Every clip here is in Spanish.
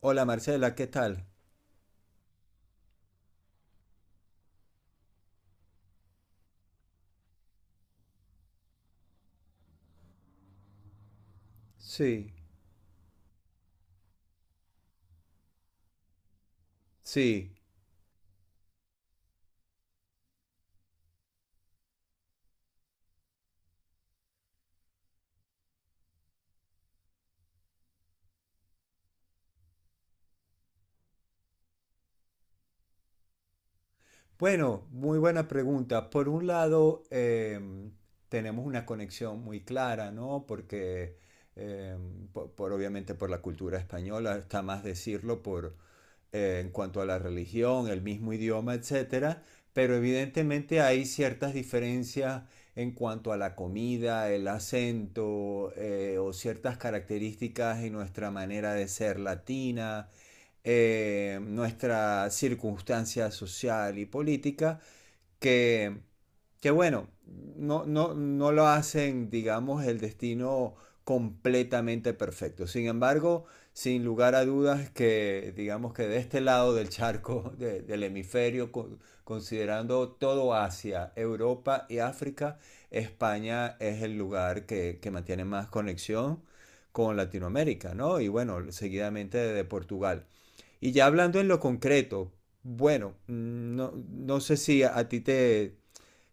Hola Marcela, ¿qué tal? Sí, sí. Bueno, muy buena pregunta. Por un lado, tenemos una conexión muy clara, ¿no? Porque, em, po- por, obviamente por la cultura española, está más decirlo por, en cuanto a la religión, el mismo idioma, etcétera. Pero evidentemente hay ciertas diferencias en cuanto a la comida, el acento, o ciertas características en nuestra manera de ser latina, nuestra circunstancia social y política, que, que bueno, no lo hacen, digamos, el destino completamente perfecto. Sin embargo, sin lugar a dudas que, digamos que de este lado del charco, del hemisferio, considerando todo Asia, Europa y África, España es el lugar que mantiene más conexión con Latinoamérica, ¿no? Y bueno, seguidamente de Portugal. Y ya hablando en lo concreto, bueno, mm, no sé si a ti te,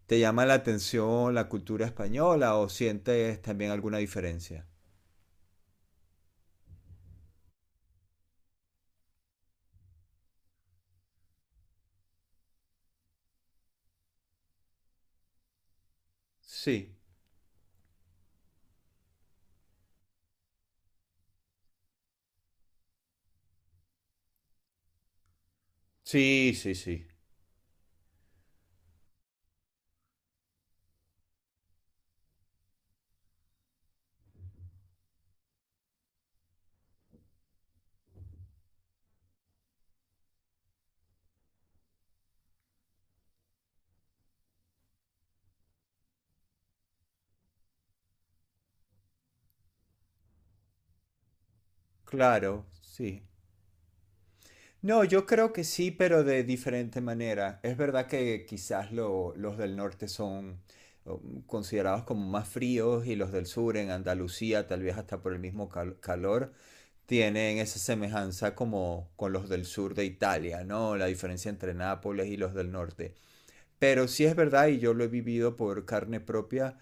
te llama la atención la cultura española o sientes también alguna diferencia. Sí, sí, sí, sí. Claro, sí. No, yo creo que sí, pero de diferente manera. Es verdad que quizás los del norte son, oh, considerados como más fríos, y los del sur en Andalucía, tal vez hasta por el mismo calor, tienen esa semejanza como con los del sur de Italia, ¿no? La diferencia entre Nápoles y los del norte. Pero sí es verdad, y yo lo he vivido por carne propia,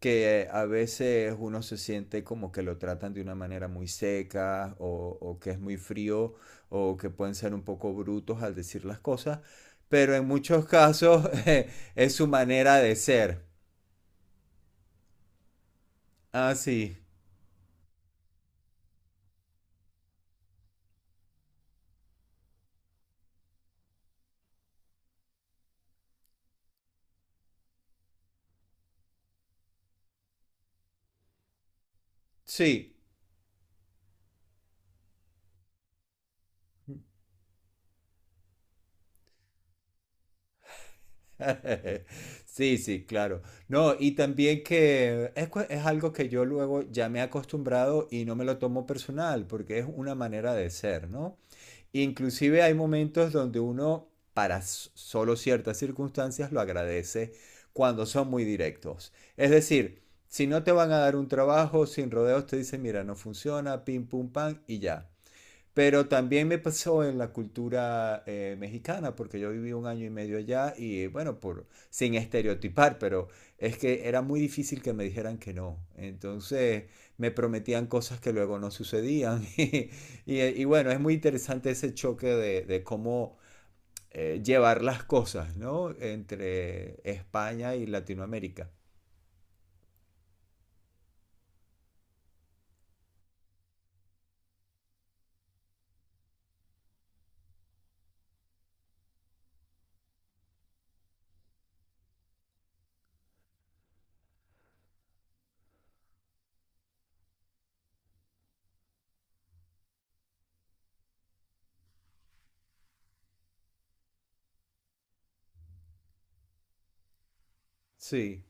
que a veces uno se siente como que lo tratan de una manera muy seca, o que es muy frío o que pueden ser un poco brutos al decir las cosas, pero en muchos casos es su manera de ser. Ah, sí, sí. Sí, sí, claro. No, y también que es algo que yo luego ya me he acostumbrado y no me lo tomo personal, porque es una manera de ser, ¿no? Inclusive hay momentos donde uno, para solo ciertas circunstancias, lo agradece cuando son muy directos. Es decir, si no te van a dar un trabajo sin rodeos, te dicen, mira, no funciona, pim, pum, pam, y ya. Pero también me pasó en la cultura mexicana, porque yo viví un año y medio allá y bueno, sin estereotipar, pero es que era muy difícil que me dijeran que no. Entonces me prometían cosas que luego no sucedían. Y bueno, es muy interesante ese choque de cómo, llevar las cosas, ¿no? Entre España y Latinoamérica. Sí,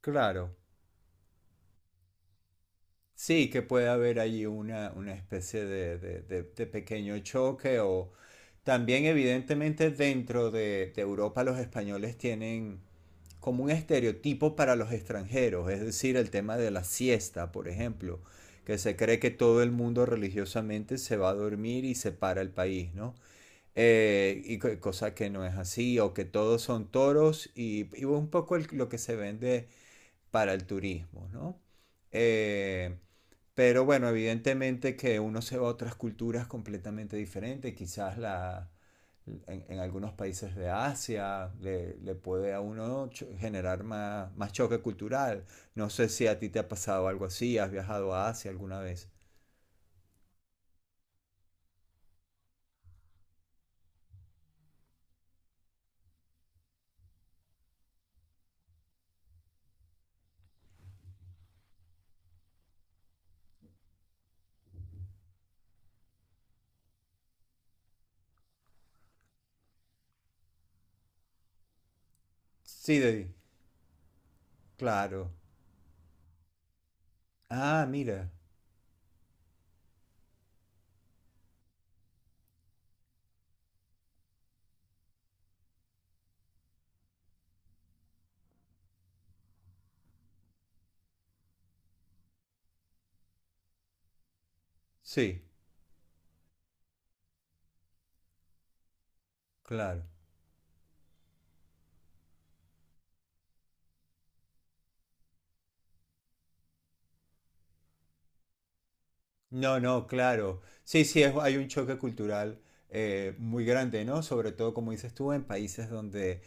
claro. Sí, que puede haber allí una especie de pequeño choque, o también evidentemente dentro de Europa los españoles tienen como un estereotipo para los extranjeros, es decir, el tema de la siesta, por ejemplo, que se cree que todo el mundo religiosamente se va a dormir y se para el país, ¿no? Cosa que no es así, o que todos son toros y un poco lo que se vende para el turismo, ¿no? Eh, pero bueno, evidentemente que uno se va a otras culturas completamente diferentes, quizás en algunos países de Asia le puede a uno generar más, más choque cultural. No sé si a ti te ha pasado algo así, has viajado a Asia alguna vez. Sí, Dedi, claro. Ah, mira, sí, claro. No, no, claro. Sí, sí, hay un choque cultural, muy grande, ¿no? Sobre todo, como dices tú, en países donde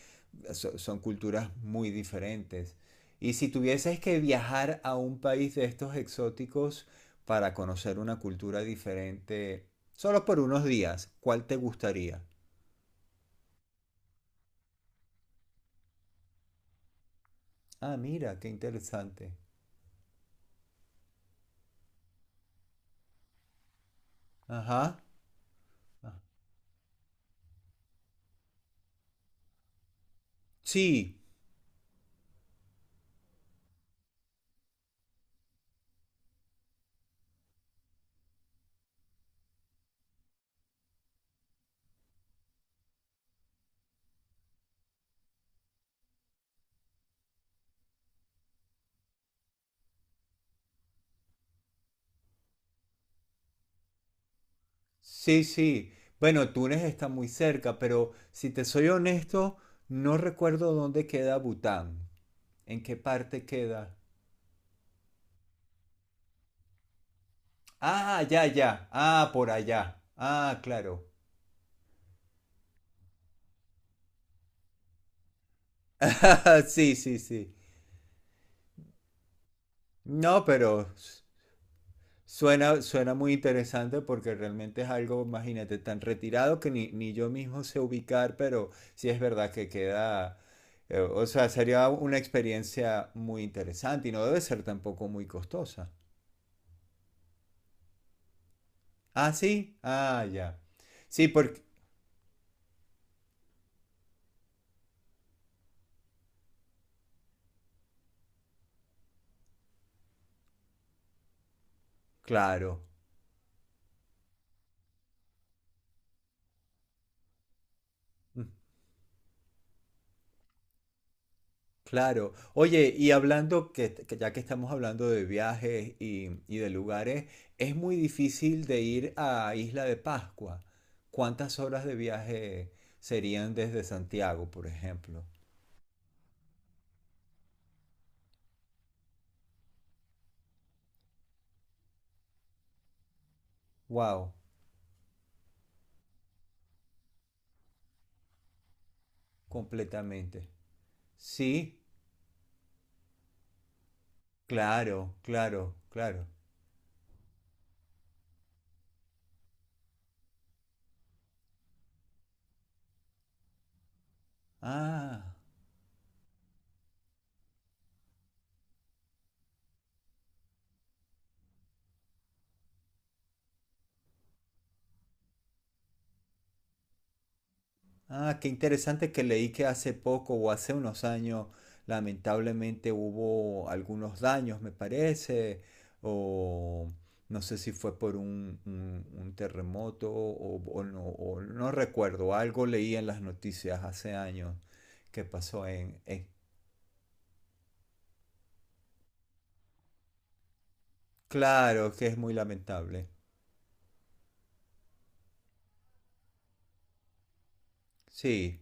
son culturas muy diferentes. Y si tuvieses que viajar a un país de estos exóticos para conocer una cultura diferente, solo por unos días, ¿cuál te gustaría? Ah, mira, qué interesante. Ajá. Ah, sí, sí, sí. Bueno, Túnez está muy cerca, pero si te soy honesto, no recuerdo dónde queda Bután. ¿En qué parte queda? Ah, ya, ya. Ah, por allá. Ah, claro. Sí, sí, sí. No, pero suena, suena muy interesante porque realmente es algo, imagínate, tan retirado que ni, ni yo mismo sé ubicar, pero sí es verdad que queda, o sea, sería una experiencia muy interesante y no debe ser tampoco muy costosa. Ah, sí, ah, ya. Sí, porque, claro. Claro. Oye, y hablando que ya que estamos hablando de viajes y de lugares, es muy difícil de ir a Isla de Pascua. ¿Cuántas horas de viaje serían desde Santiago, por ejemplo? Wow, completamente. Sí, claro, claro, claro. Ah. Ah, qué interesante que leí que hace poco o hace unos años lamentablemente hubo algunos daños, me parece, o no sé si fue por un, un terremoto, o no recuerdo, algo leí en las noticias hace años que pasó en... Claro, que es muy lamentable. Sí,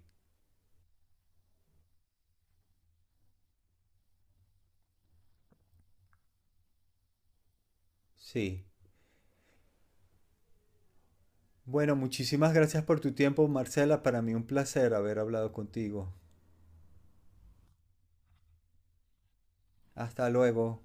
sí. Bueno, muchísimas gracias por tu tiempo, Marcela. Para mí un placer haber hablado contigo. Hasta luego.